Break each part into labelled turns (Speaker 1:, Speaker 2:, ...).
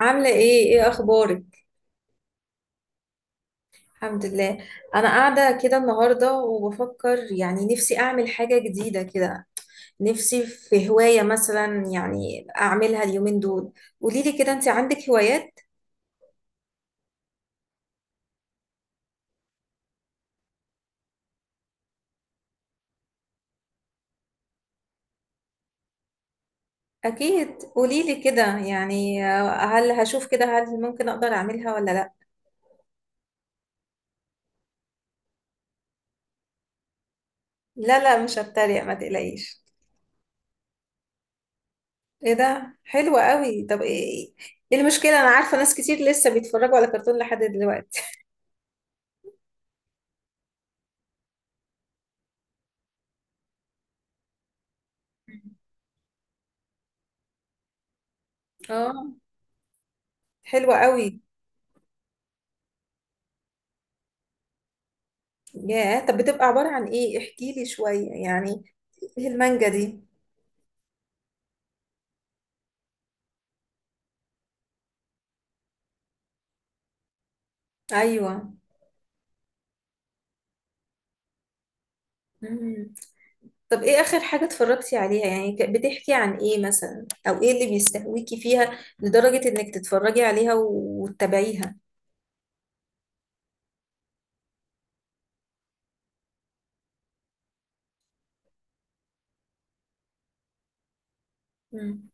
Speaker 1: عاملة ايه اخبارك. الحمد لله. انا قاعدة كده النهاردة وبفكر، يعني نفسي اعمل حاجة جديدة كده. نفسي في هواية مثلا، يعني اعملها اليومين دول. قوليلي كده، انت عندك هوايات؟ اكيد قوليلي كده، يعني هل هشوف كده هل ممكن اقدر اعملها ولا لا؟ لا لا، مش هتريق، ما تقلقيش. ايه ده، حلوة قوي. طب ايه، ايه المشكلة؟ انا عارفة ناس كتير لسه بيتفرجوا على كرتون لحد دلوقتي. اه، حلوة قوي. ياه، طب بتبقى عبارة عن ايه؟ احكي لي شوية، يعني ايه المانجا دي؟ ايوه. مم. طب ايه اخر حاجة اتفرجتي عليها، يعني بتحكي عن ايه مثلا؟ او ايه اللي بيستهويكي فيها لدرجة انك تتفرجي عليها وتتابعيها؟ مم.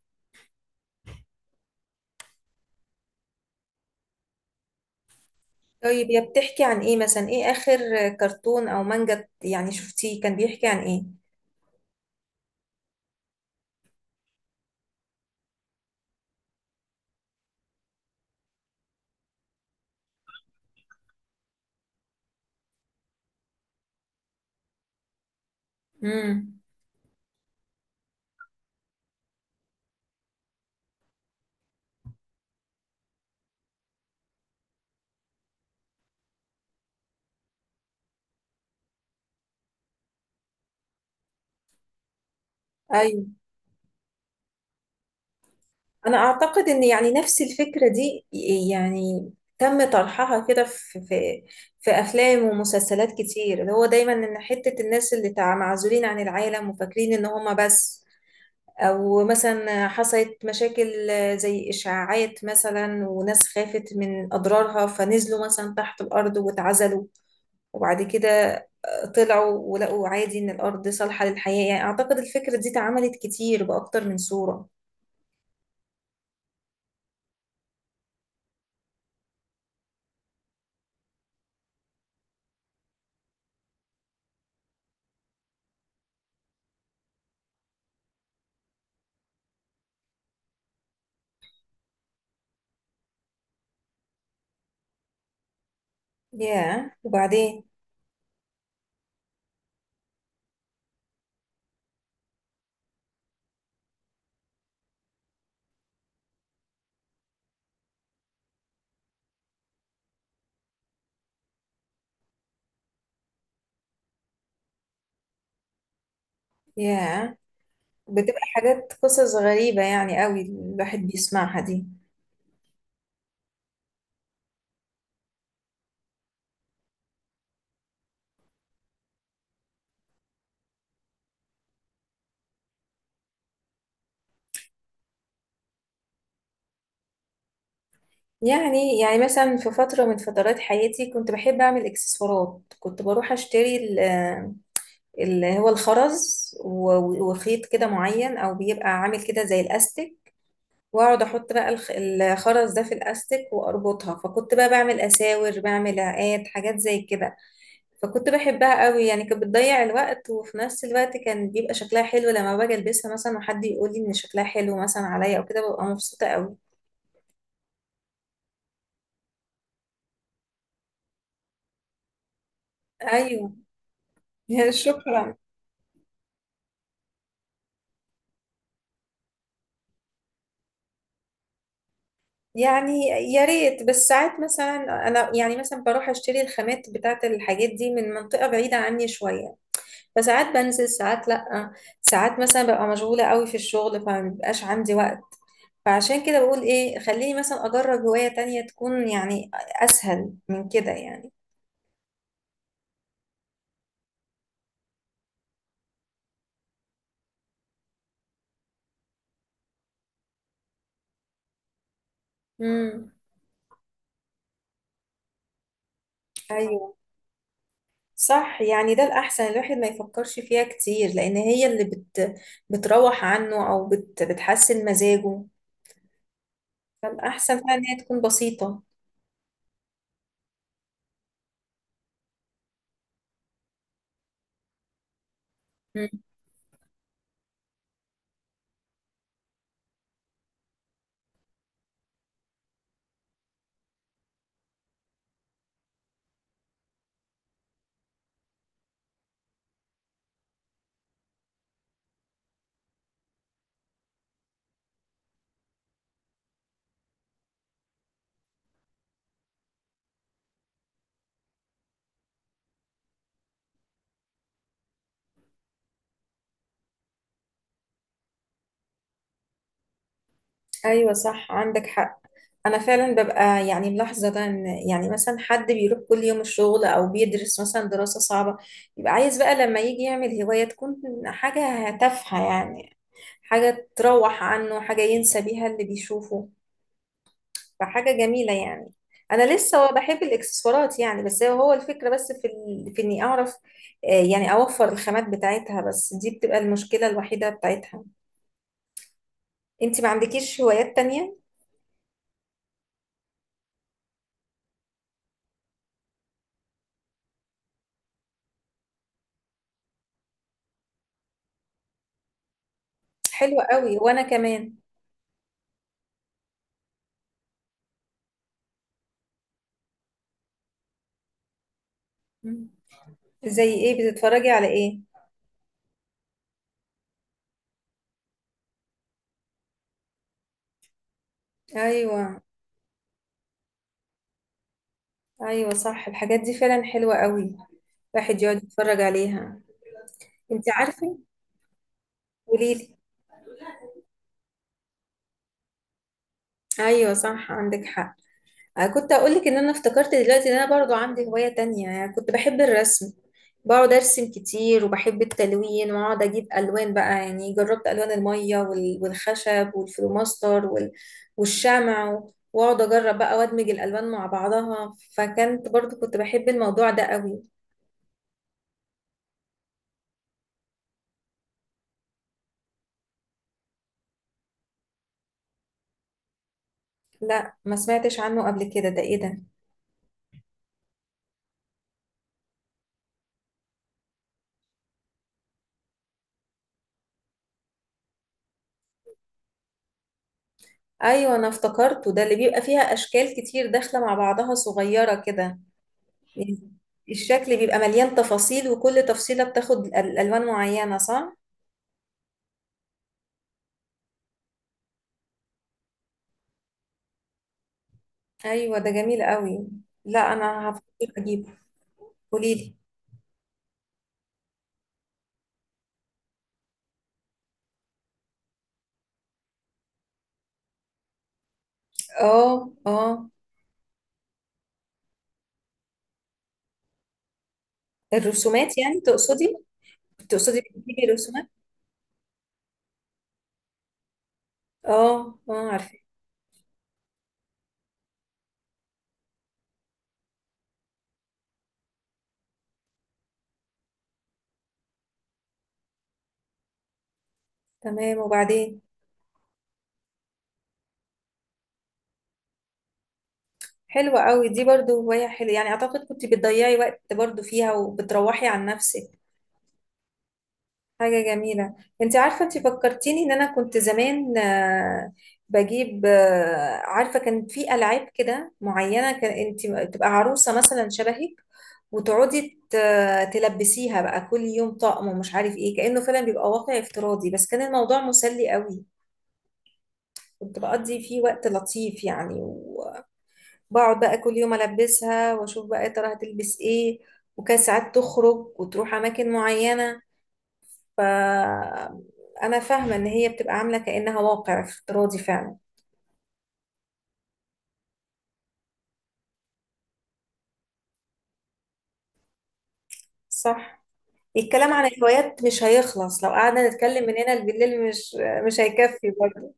Speaker 1: طيب، يا بتحكي عن ايه مثلا؟ ايه اخر كرتون او مانجا يعني شفتيه؟ كان بيحكي عن ايه؟ امم أنا أعتقد إن يعني نفس الفكرة دي يعني تم طرحها كده في في أفلام ومسلسلات كتير، اللي هو دايما إن حتة الناس اللي معزولين عن العالم وفاكرين إن هما بس، أو مثلا حصلت مشاكل زي إشاعات مثلا وناس خافت من أضرارها فنزلوا مثلا تحت الأرض واتعزلوا، وبعد كده طلعوا ولقوا عادي إن الأرض صالحة للحياة. يعني أعتقد الفكرة دي اتعملت كتير بأكتر من صورة. ياه، وبعدين؟ ياه، بتبقى حاجات، قصص غريبة يعني قوي الواحد بيسمعها دي. يعني مثلا في فترة من فترات حياتي كنت بحب أعمل إكسسوارات. كنت بروح أشتري اللي هو الخرز وخيط كده معين، أو بيبقى عامل كده زي الأستك، وأقعد أحط بقى الخرز ده في الأستك وأربطها، فكنت بقى بعمل أساور، بعمل عقاد، حاجات زي كده. فكنت بحبها قوي، يعني كانت بتضيع الوقت، وفي نفس الوقت كان بيبقى شكلها حلو لما باجي البسها مثلا وحد يقول لي ان شكلها حلو مثلا عليا او كده، ببقى مبسوطة قوي. ايوه. شكرا. يعني يا ريت، بس ساعات مثلا انا يعني مثلا بروح اشتري الخامات بتاعت الحاجات دي من منطقة بعيدة عني شوية، فساعات بنزل، ساعات لا، ساعات مثلا ببقى مشغولة قوي في الشغل فمبيبقاش عندي وقت. فعشان كده بقول ايه، خليني مثلا اجرب هواية تانية تكون يعني اسهل من كده. يعني ايوه، صح، يعني ده الاحسن. الواحد ما يفكرش فيها كتير، لان هي اللي بتروح عنه، او بتحسن مزاجه. الاحسن فعلا ان هي تكون بسيطه. مم. ايوه، صح، عندك حق. انا فعلا ببقى يعني ملاحظه ده، ان يعني مثلا حد بيروح كل يوم الشغل او بيدرس مثلا دراسه صعبه، يبقى عايز بقى لما يجي يعمل هوايه تكون حاجه تافهه يعني، حاجه تروح عنه، حاجه ينسى بيها اللي بيشوفه. فحاجة جميلة يعني. أنا لسه بحب الإكسسوارات يعني، بس هو الفكرة بس في إني أعرف يعني أوفر الخامات بتاعتها، بس دي بتبقى المشكلة الوحيدة بتاعتها. أنت ما عندكيش هوايات تانية؟ حلوة قوي، وأنا كمان. مم. زي إيه؟ بتتفرجي على إيه؟ أيوة. أيوة صح، الحاجات دي فعلا حلوة قوي، الواحد يقعد يتفرج عليها. أنت عارفة، قوليلي. أيوة صح، عندك حق. أنا كنت أقول لك إن أنا افتكرت دلوقتي إن أنا برضو عندي هواية تانية، يعني كنت بحب الرسم. بقعد أرسم كتير وبحب التلوين، وأقعد أجيب ألوان بقى، يعني جربت ألوان المية والخشب والفلوماستر والشمع، وأقعد أجرب بقى وأدمج الألوان مع بعضها. فكنت برضو كنت بحب الموضوع ده قوي. لا، ما سمعتش عنه قبل كده. ده إيه ده؟ أيوة، أنا افتكرته، ده اللي بيبقى فيها أشكال كتير داخلة مع بعضها صغيرة كده. الشكل بيبقى مليان تفاصيل، وكل تفصيلة بتاخد ألوان معينة، صح؟ أيوة ده جميل قوي. لا أنا هفكر أجيبه. قوليلي. اه اه. الرسومات يعني تقصدي؟ تقصدي بتجيبي رسومات؟ اه اه، عارفة. تمام، وبعدين؟ حلوة قوي، دي برضو هواية حلوة يعني. أعتقد كنت بتضيعي وقت برضو فيها وبتروحي عن نفسك، حاجة جميلة. انت عارفة، انت فكرتيني ان انا كنت زمان بجيب عارفة كان في ألعاب كده معينة، كان انت تبقى عروسة مثلا شبهك، وتقعدي تلبسيها بقى كل يوم طقم ومش عارف ايه، كأنه فعلا بيبقى واقع افتراضي، بس كان الموضوع مسلي قوي. كنت بقضي فيه وقت لطيف يعني، وبقعد بقى كل يوم ألبسها واشوف بقى يا ترى هتلبس ايه، وكان ساعات تخرج وتروح أماكن معينة. فأنا فاهمة إن هي بتبقى عاملة كأنها واقع افتراضي فعلا. صح. الكلام عن الهوايات مش هيخلص لو قعدنا نتكلم من هنا لبالليل، مش هيكفي برضه.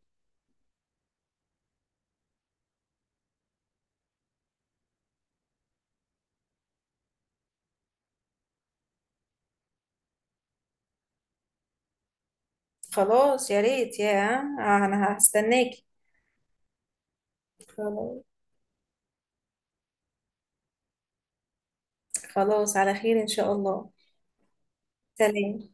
Speaker 1: خلاص يا ريت يا، أنا هستناكي. خلاص. خلاص، على خير إن شاء الله. سلام.